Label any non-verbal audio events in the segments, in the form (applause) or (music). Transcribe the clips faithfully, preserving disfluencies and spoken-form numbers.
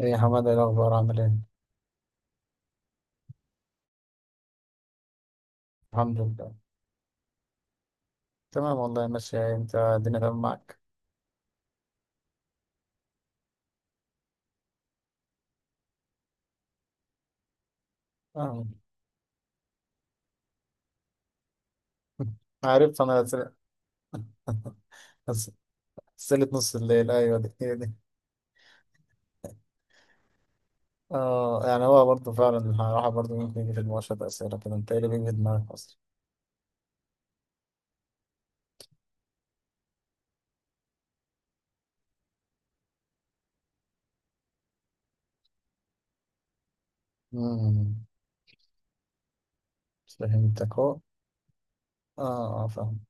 ايه يا حماده، ايه الاخبار، عامل ايه؟ الحمد لله. تمام والله، ماشي. انت الدنيا تمام معاك؟ آه. عرفت انا سل- (laughs) بس سلة نص الليل، ايوه دي هي دي. اه يعني هو برضه فعلا الراحه، برضه ممكن يجي في المواشط اسئله كده، انت ايه اللي بيجي في دماغك اصلا؟ امم. فهمتك اهو. اه اه فاهم.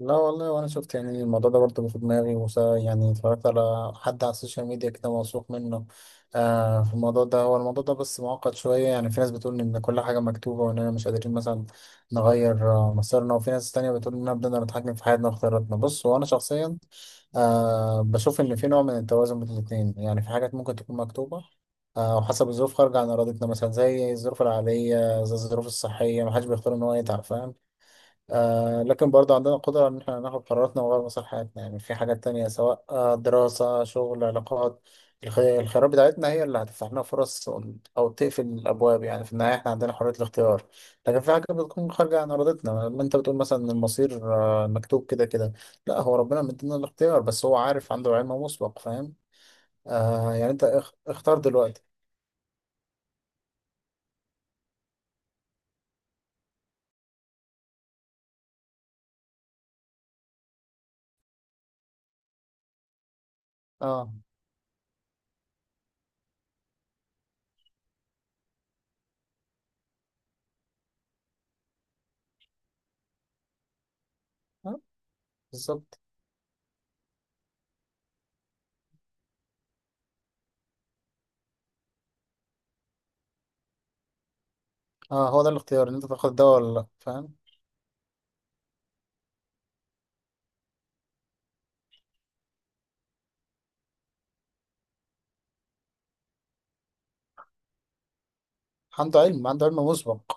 لا والله، وانا شفت يعني الموضوع ده برضه في دماغي وس- يعني اتفرجت على حد على السوشيال ميديا كده موثوق منه آه في الموضوع ده. هو الموضوع ده بس معقد شوية، يعني في ناس بتقول ان كل حاجة مكتوبة واننا مش قادرين مثلا نغير آه، مصيرنا، وفي ناس تانية بتقول اننا بدنا نتحكم في حياتنا واختياراتنا. بص وانا شخصيا آه بشوف ان في نوع من التوازن بين الاتنين، يعني في حاجات ممكن تكون مكتوبة آه وحسب الظروف خارجة عن إرادتنا، مثلا زي الظروف العائلية، زي الظروف الصحية، محدش بيختار إن هو يتعب، فاهم؟ آه لكن برضه عندنا قدرة إن إحنا ناخد قراراتنا وغير مصلحتنا، يعني في حاجات تانية سواء آه دراسة، شغل، علاقات. الخ- الخيارات بتاعتنا هي اللي هتفتح لنا فرص أو تقفل الأبواب. يعني في النهاية إحنا عندنا حرية الاختيار، لكن في حاجات بتكون خارجة عن إرادتنا. لما أنت بتقول مثلا إن المصير آه مكتوب كده كده، لا هو ربنا مدينا الاختيار، بس هو عارف، عنده علم مسبق، فاهم؟ آه يعني أنت اخ- اختار دلوقتي. آه آه، بالظبط. آه هو ده الاختيار إن أنت تاخد الدواء ولا لأ، فاهم؟ عنده علم، عنده علم مسبق.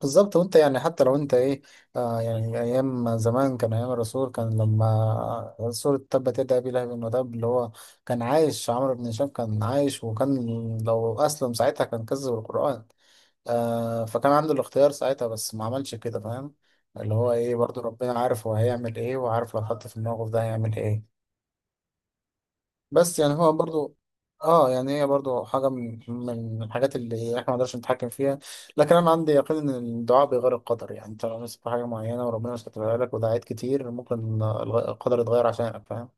بالظبط. وانت يعني حتى لو انت ايه آه، يعني ايام زمان كان، ايام الرسول كان، لما سورة تبت يدا ابي لهب وتب، اللي هو كان عايش عمرو بن هشام، كان عايش، وكان لو اسلم ساعتها كان كذب القرآن. آه فكان عنده الاختيار ساعتها بس ما عملش كده، فاهم؟ اللي هو ايه برضو، ربنا عارف هو هيعمل ايه، وعارف لو حط في الموقف ده هيعمل ايه. بس يعني هو برضو اه يعني هي برضو حاجة من من الحاجات اللي احنا ما نقدرش نتحكم فيها، لكن انا عندي يقين ان الدعاء بيغير القدر. يعني انت لو نفسك في حاجة معينة وربنا مش كاتبها لك ودعيت كتير، ممكن آه، الغ- القدر يتغير عشانك، فاهم؟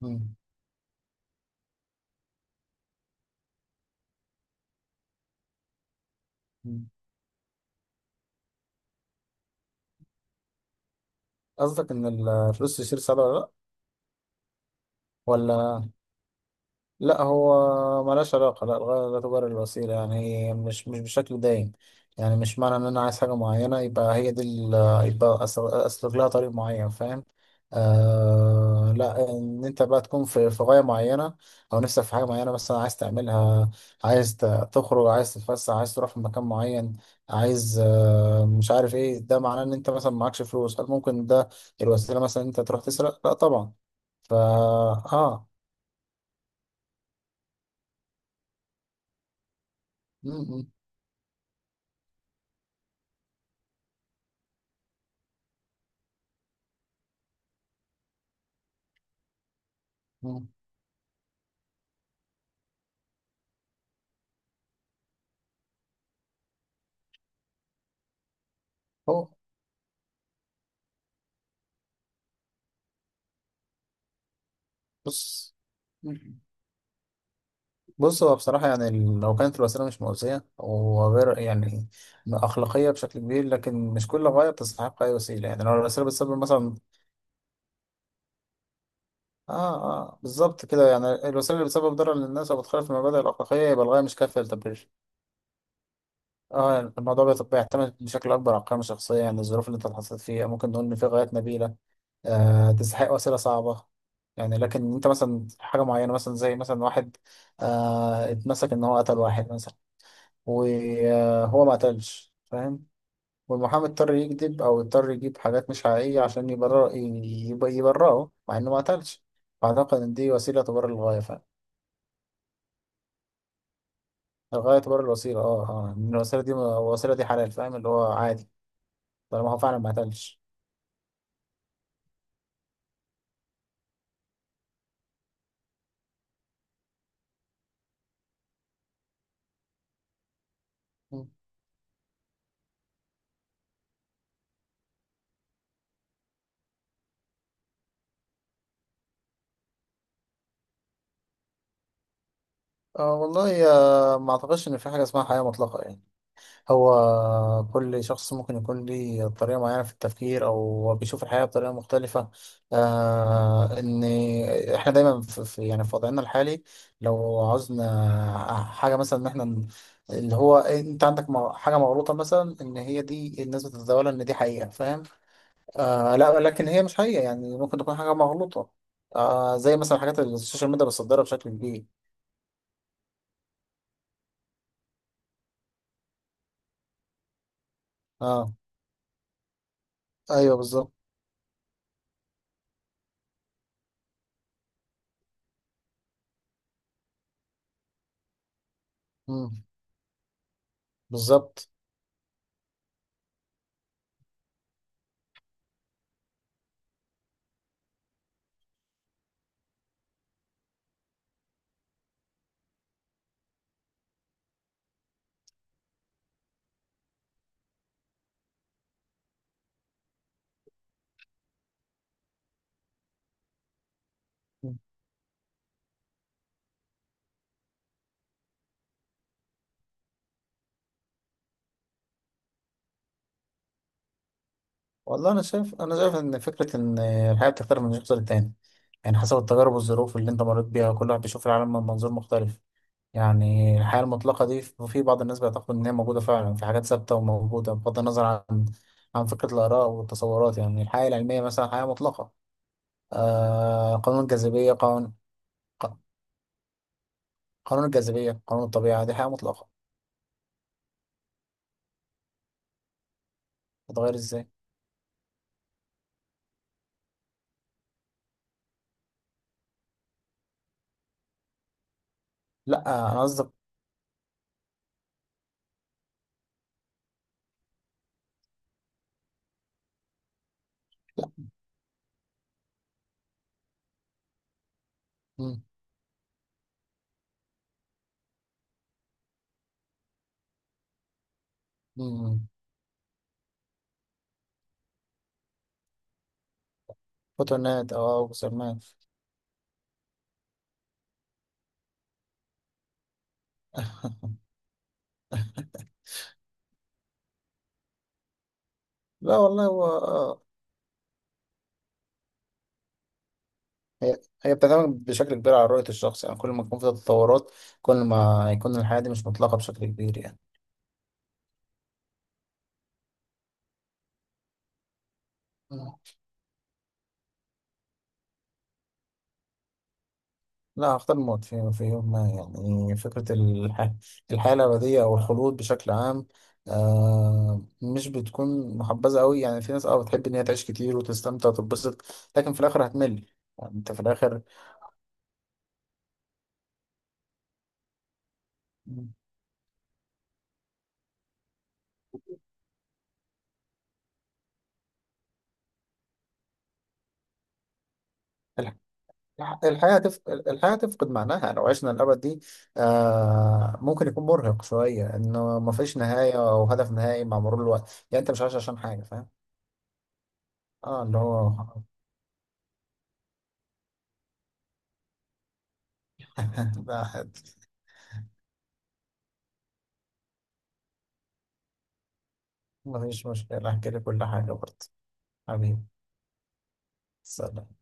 مم. مم. قصدك ان الفلوس تشتري السعادة ولا لا؟ ولا لا، هو ملهاش علاقة. لا الغاية لا تبرر الوسيلة، يعني هي مش مش بشكل دايم. يعني مش معنى إن أنا عايز حاجة معينة يبقى هي دي ال- يبقى أسل- أسلك لها طريق معين، فاهم؟ آه، لا إن أنت بقى تكون في في غاية معينة أو نفسك في حاجة معينة مثلا عايز تعملها. عايز ت- تخرج، عايز تتفسح، عايز تروح في مكان معين، عايز آه مش عارف إيه، ده معناه إن أنت مثلا معكش فلوس، هل ممكن ده الوسيلة مثلا إن أنت تروح تسرق؟ لا طبعا. فا آه م- م- م. هو بص. بص هو بصراحة يعني ال- لو كانت الوسيلة مش مؤذية وغير يعني أخلاقية بشكل كبير، لكن مش كل غاية بتستحق أي وسيلة. يعني لو الوسيلة بتسبب مثلا آه آه بالظبط كده. يعني الوسيلة اللي بتسبب ضرر للناس أو بتخالف المبادئ الأخلاقية يبقى الغاية مش كافية للتبرير. آه يعني الموضوع بيت- بيعتمد بشكل أكبر على القيم الشخصية. يعني الظروف اللي أنت اتحطيت فيها، ممكن نقول إن في غايات نبيلة آه تستحق وسيلة صعبة. يعني لكن أنت مثلا حاجة معينة، مثلا زي مثلا واحد آه اتمسك إن هو قتل واحد مثلا، وهو ما قتلش، فاهم؟ والمحامي اضطر يكذب او اضطر يجيب حاجات مش حقيقية عشان يبرر، يب- يبرره مع انه ما قتلش. فاعتقد ان دي وسيلة تبرر الغاية، فاهم؟ الغاية تبرر الوسيلة، اه اه. ان الوسيلة دي، الوسيلة دي حلال، فاهم اللي هو عادي. طالما هو فعلا ما قتلش. م. آه والله، آه ما اعتقدش ان في حاجة اسمها حياة مطلقة، يعني هو كل شخص ممكن يكون ليه طريقة معينة في التفكير، أو هو بيشوف الحياة بطريقة مختلفة. آه إن إحنا دايما في في- يعني في وضعنا الحالي لو عاوزنا حاجة مثلا إن إحنا ن- اللي هو أنت عندك مغ- حاجة مغلوطة، مثلا إن هي دي الناس بتتداولها إن دي حقيقة، فاهم؟ آه لا لكن هي مش حقيقة، يعني ممكن تكون حاجة مغلوطة. آه زي مثلا حاجات السوشيال ميديا بتصدرها بشكل كبير. اه ايوه بالظبط. مم، بالظبط. والله انا شايف، انا شايف ان فكره ان الحياه بتختلف من شخص للتاني، يعني حسب التجارب والظروف اللي انت مريت بيها كل واحد بيشوف العالم من منظور مختلف. يعني الحياه المطلقه دي، في بعض الناس بيعتقدوا ان هي موجوده فعلا في حاجات ثابته وموجوده بغض النظر عن عن فكره الاراء والتصورات، يعني الحياه العلميه مثلا حياه مطلقه. آه قانون الجاذبيه، قانون ق- قانون الجاذبيه، قانون الطبيعه، دي حياه مطلقه. تتغير ازاي؟ لا انا قصدك. لا. مم، مم، فوتونات او أو جسيمات. (laughs) لا والله هو آه، هي هي بتعتمد بشكل كبير على رؤية الشخص، يعني كل ما يكون في تطورات كل ما يكون الحياة دي مش مطلقة بشكل كبير، يعني. مم. لا هختار الموت في, في يوم ما. يعني فكرة الح... الحياة الأبدية أو الخلود بشكل عام آه مش بتكون محبذة أوي، يعني في ناس أه بتحب إن هي تعيش كتير وتستمتع وتتبسط، لكن في الآخر هتمل، يعني أنت في الآخر. مم. الح- الحياة تف... الحياة تفقد معناها لو عشنا الأبد دي. آه ممكن يكون مرهق شوية إنه ما فيش نهاية أو هدف نهائي مع مرور الوقت، يعني أنت مش عايش عشان حاجة، فاهم؟ آه اللي هو (laughs) لا. ما فيش مشكلة، أحكي لك كل حاجة برضه. حبيبي. سلام.